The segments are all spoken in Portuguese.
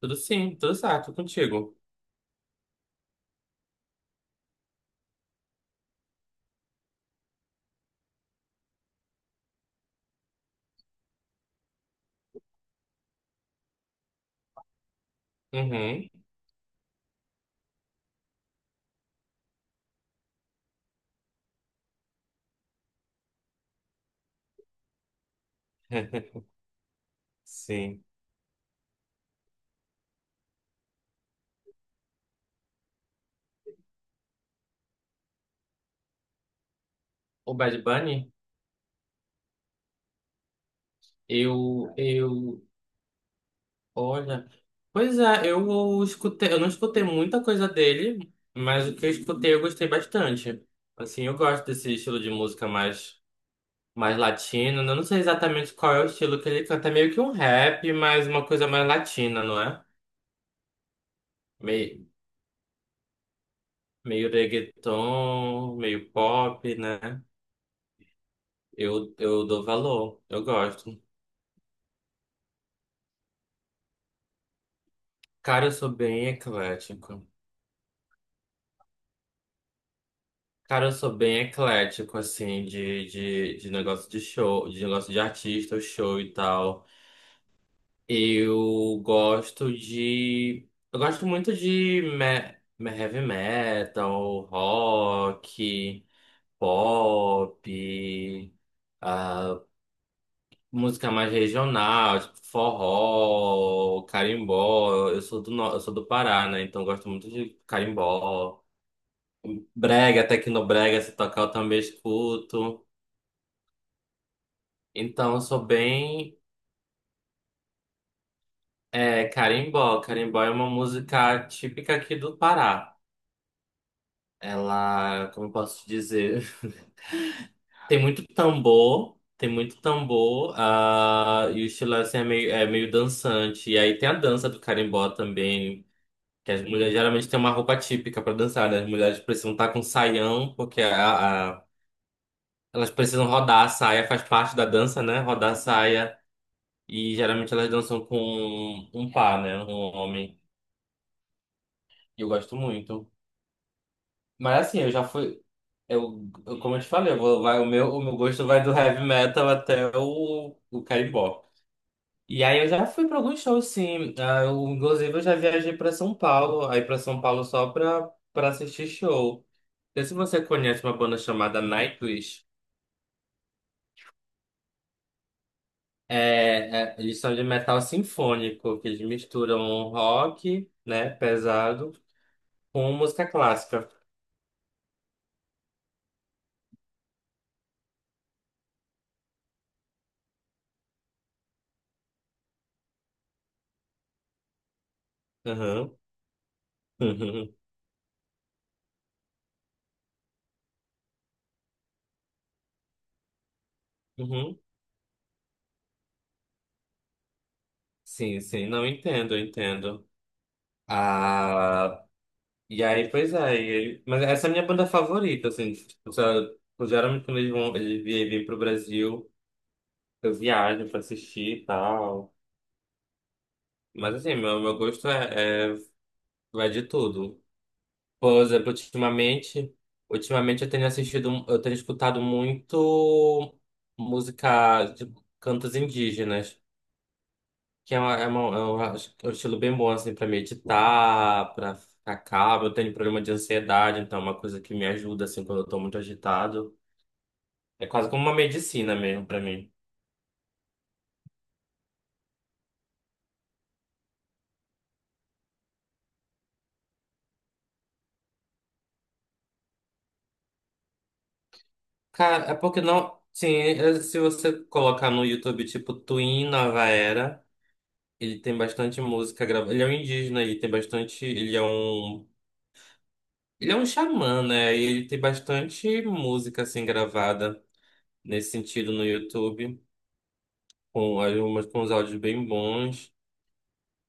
Tudo sim, tudo certo, contigo. Uhum. Sim. O Bad Bunny, eu, olha, pois é, eu escutei, eu não escutei muita coisa dele, mas o que eu escutei eu gostei bastante. Assim, eu gosto desse estilo de música mais latino. Eu não sei exatamente qual é o estilo que ele canta, é meio que um rap, mas uma coisa mais latina, não é? Meio, meio reggaeton, meio pop, né? Eu dou valor, eu gosto. Cara, eu sou bem eclético. Cara, eu sou bem eclético, assim, de negócio de show, de negócio de artista, show e tal. Eu gosto de. Eu gosto muito de heavy metal, rock, pop, ah, música mais regional, tipo forró, carimbó. Eu sou do, no- eu sou do Pará, né? Então eu gosto muito de carimbó. Brega, tecnobrega, se tocar eu também escuto. Então, eu sou bem carimbó. Carimbó é uma música típica aqui do Pará. Ela, como eu posso dizer, tem muito tambor, e o estilo assim, é meio dançante. E aí tem a dança do carimbó também, que as mulheres geralmente têm uma roupa típica para dançar, né? As mulheres precisam estar com saião, porque elas precisam rodar a saia, faz parte da dança, né? Rodar a saia. E geralmente elas dançam com um par, né? Um homem. E eu gosto muito. Mas assim, eu já fui. Como eu te falei, o meu gosto vai do heavy metal até o carimbó. E aí eu já fui pra alguns shows, sim. Ah, eu, inclusive, eu já viajei pra São Paulo. Aí pra São Paulo só pra assistir show. Não sei se você conhece uma banda chamada Nightwish. Eles são de metal sinfônico, que eles misturam rock, né, pesado, com música clássica. Aham, uhum, uhum. Sim, sim, não entendo, eu entendo. Ah, e aí, pois é, mas essa é a minha banda favorita, assim, tipo, se eu- geralmente quando eles vão, eles vêm pro Brasil, eu viajo pra assistir e tal. Mas assim, meu gosto é, vai de tudo. Por exemplo, ultimamente eu tenho assistido, eu tenho escutado muito música, tipo, cantos indígenas. Que é, uma, é, uma- é um estilo bem bom, assim, pra meditar, pra ficar calmo. Eu tenho problema de ansiedade, então é uma coisa que me ajuda, assim, quando eu tô muito agitado. É quase como uma medicina mesmo pra mim. Cara, é porque não. Sim, é- se você colocar no YouTube, tipo, Twin Nova Era, ele tem bastante música gravada. Ele é um indígena e tem bastante. Ele é um. Ele é um xamã, né? E ele tem bastante música, assim, gravada nesse sentido no YouTube. Com, algumas, com os áudios bem bons.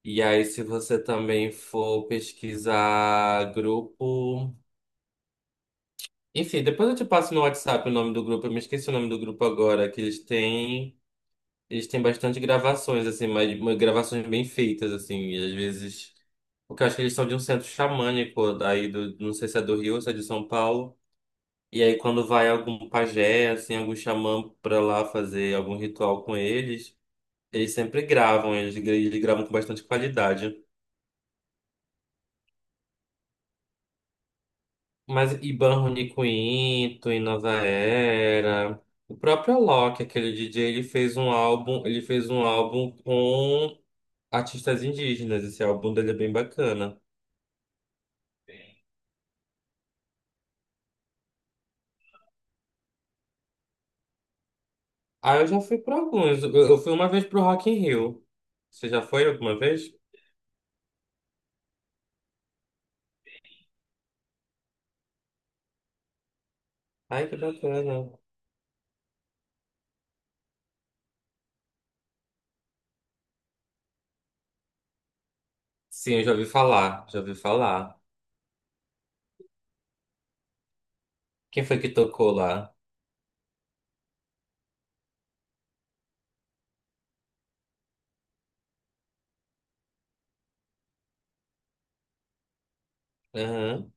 E aí, se você também for pesquisar grupo. Enfim, depois eu te passo no WhatsApp o nome do grupo. Eu me esqueci o nome do grupo agora, que eles têm. Eles têm bastante gravações, assim, mas gravações bem feitas, assim. E às vezes. Porque eu acho que eles são de um centro xamânico, daí do, não sei se é do Rio ou se é de São Paulo. E aí, quando vai algum pajé, assim, algum xamã pra lá fazer algum ritual com eles, eles sempre gravam, eles gravam com bastante qualidade. Mas Iban Rony Quinto, e Nova Era. O próprio Alok, aquele DJ, ele fez um álbum, ele fez um álbum com artistas indígenas. Esse álbum dele é bem bacana. Ah, eu já fui para alguns. Eu fui uma vez pro Rock in Rio. Você já foi alguma vez? Ai, que bacana. Sim, eu já ouvi falar, já ouvi falar. Quem foi que tocou lá? Aham.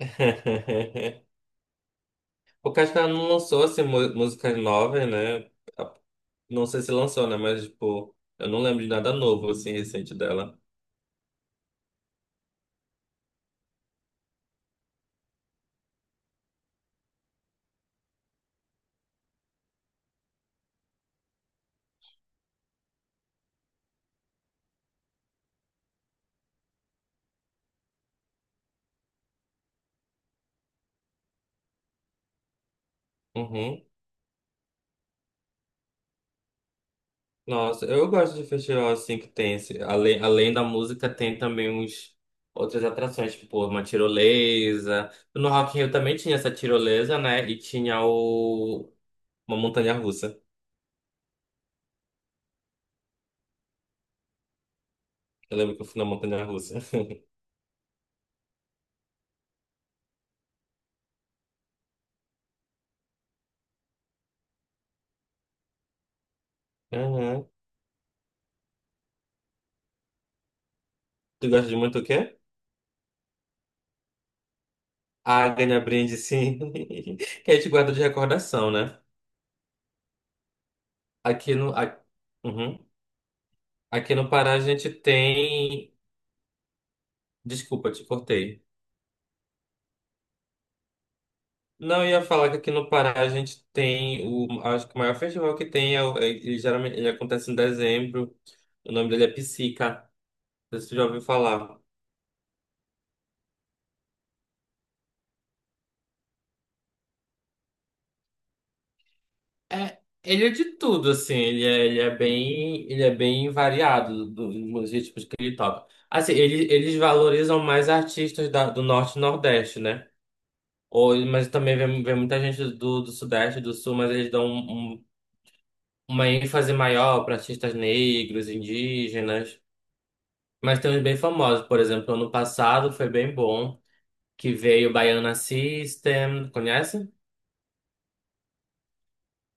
O Cascão não lançou assim, mu- músicas novas, né? Não sei se lançou, né? Mas, tipo, eu não lembro de nada novo, assim, recente dela. Uhum. Nossa, eu gosto de festival, assim, que tem esse... além da música, tem também uns... Outras atrações, tipo, uma tirolesa. No Rock in Rio também tinha essa tirolesa, né? E tinha o... Uma montanha-russa. Eu lembro que eu fui na montanha-russa. Uhum. Tu gosta de muito o quê? Ah, ganha brinde, sim. Que a gente guarda de recordação, né? Aqui no... a- Uhum. Aqui no Pará a gente tem desculpa, te cortei. Não, eu ia falar que aqui no Pará a gente tem o, acho que o maior festival que tem, é, ele geralmente ele acontece em dezembro. O nome dele é Psica. Não sei se você já ouviu falar. É, ele é de tudo, assim, ele é bem variado dos ritmos que ele toca. Assim, ele, eles valorizam mais artistas do norte e nordeste, né? Ou, mas também vem, vem muita gente do, do sudeste, do sul, mas eles dão uma ênfase maior para artistas negros, indígenas. Mas tem uns bem famosos, por exemplo, ano passado foi bem bom, que veio o Baiana System, conhece?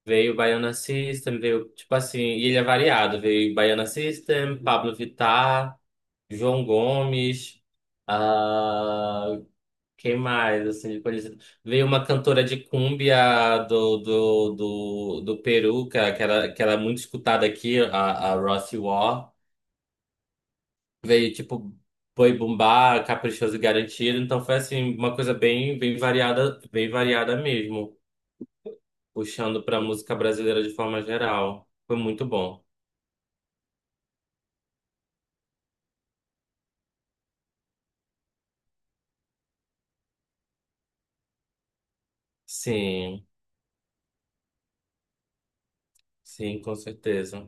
Veio o Baiana System, veio, tipo assim, e ele é variado, veio Baiana System, Pablo Vittar, João Gomes, ah, quem mais, assim, de conhecido? Veio uma cantora de cumbia do Peru, que era, que era muito escutada aqui, a Rossi War. Veio tipo Boi Bumbá, Caprichoso e Garantido, então foi assim uma coisa bem variada, bem variada mesmo, puxando para música brasileira de forma geral. Foi muito bom. Sim, sim, com certeza.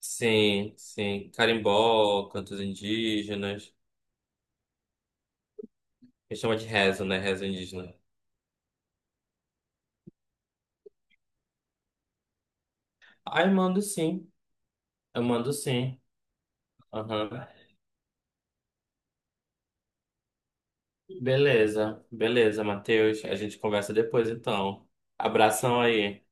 Sim, sim. Carimbó, cantos indígenas. Me chama de rezo, né? Rezo indígena. Ah, eu mando sim. Eu mando sim. Aham. Beleza, beleza, Matheus. A gente conversa depois, então. Abração aí.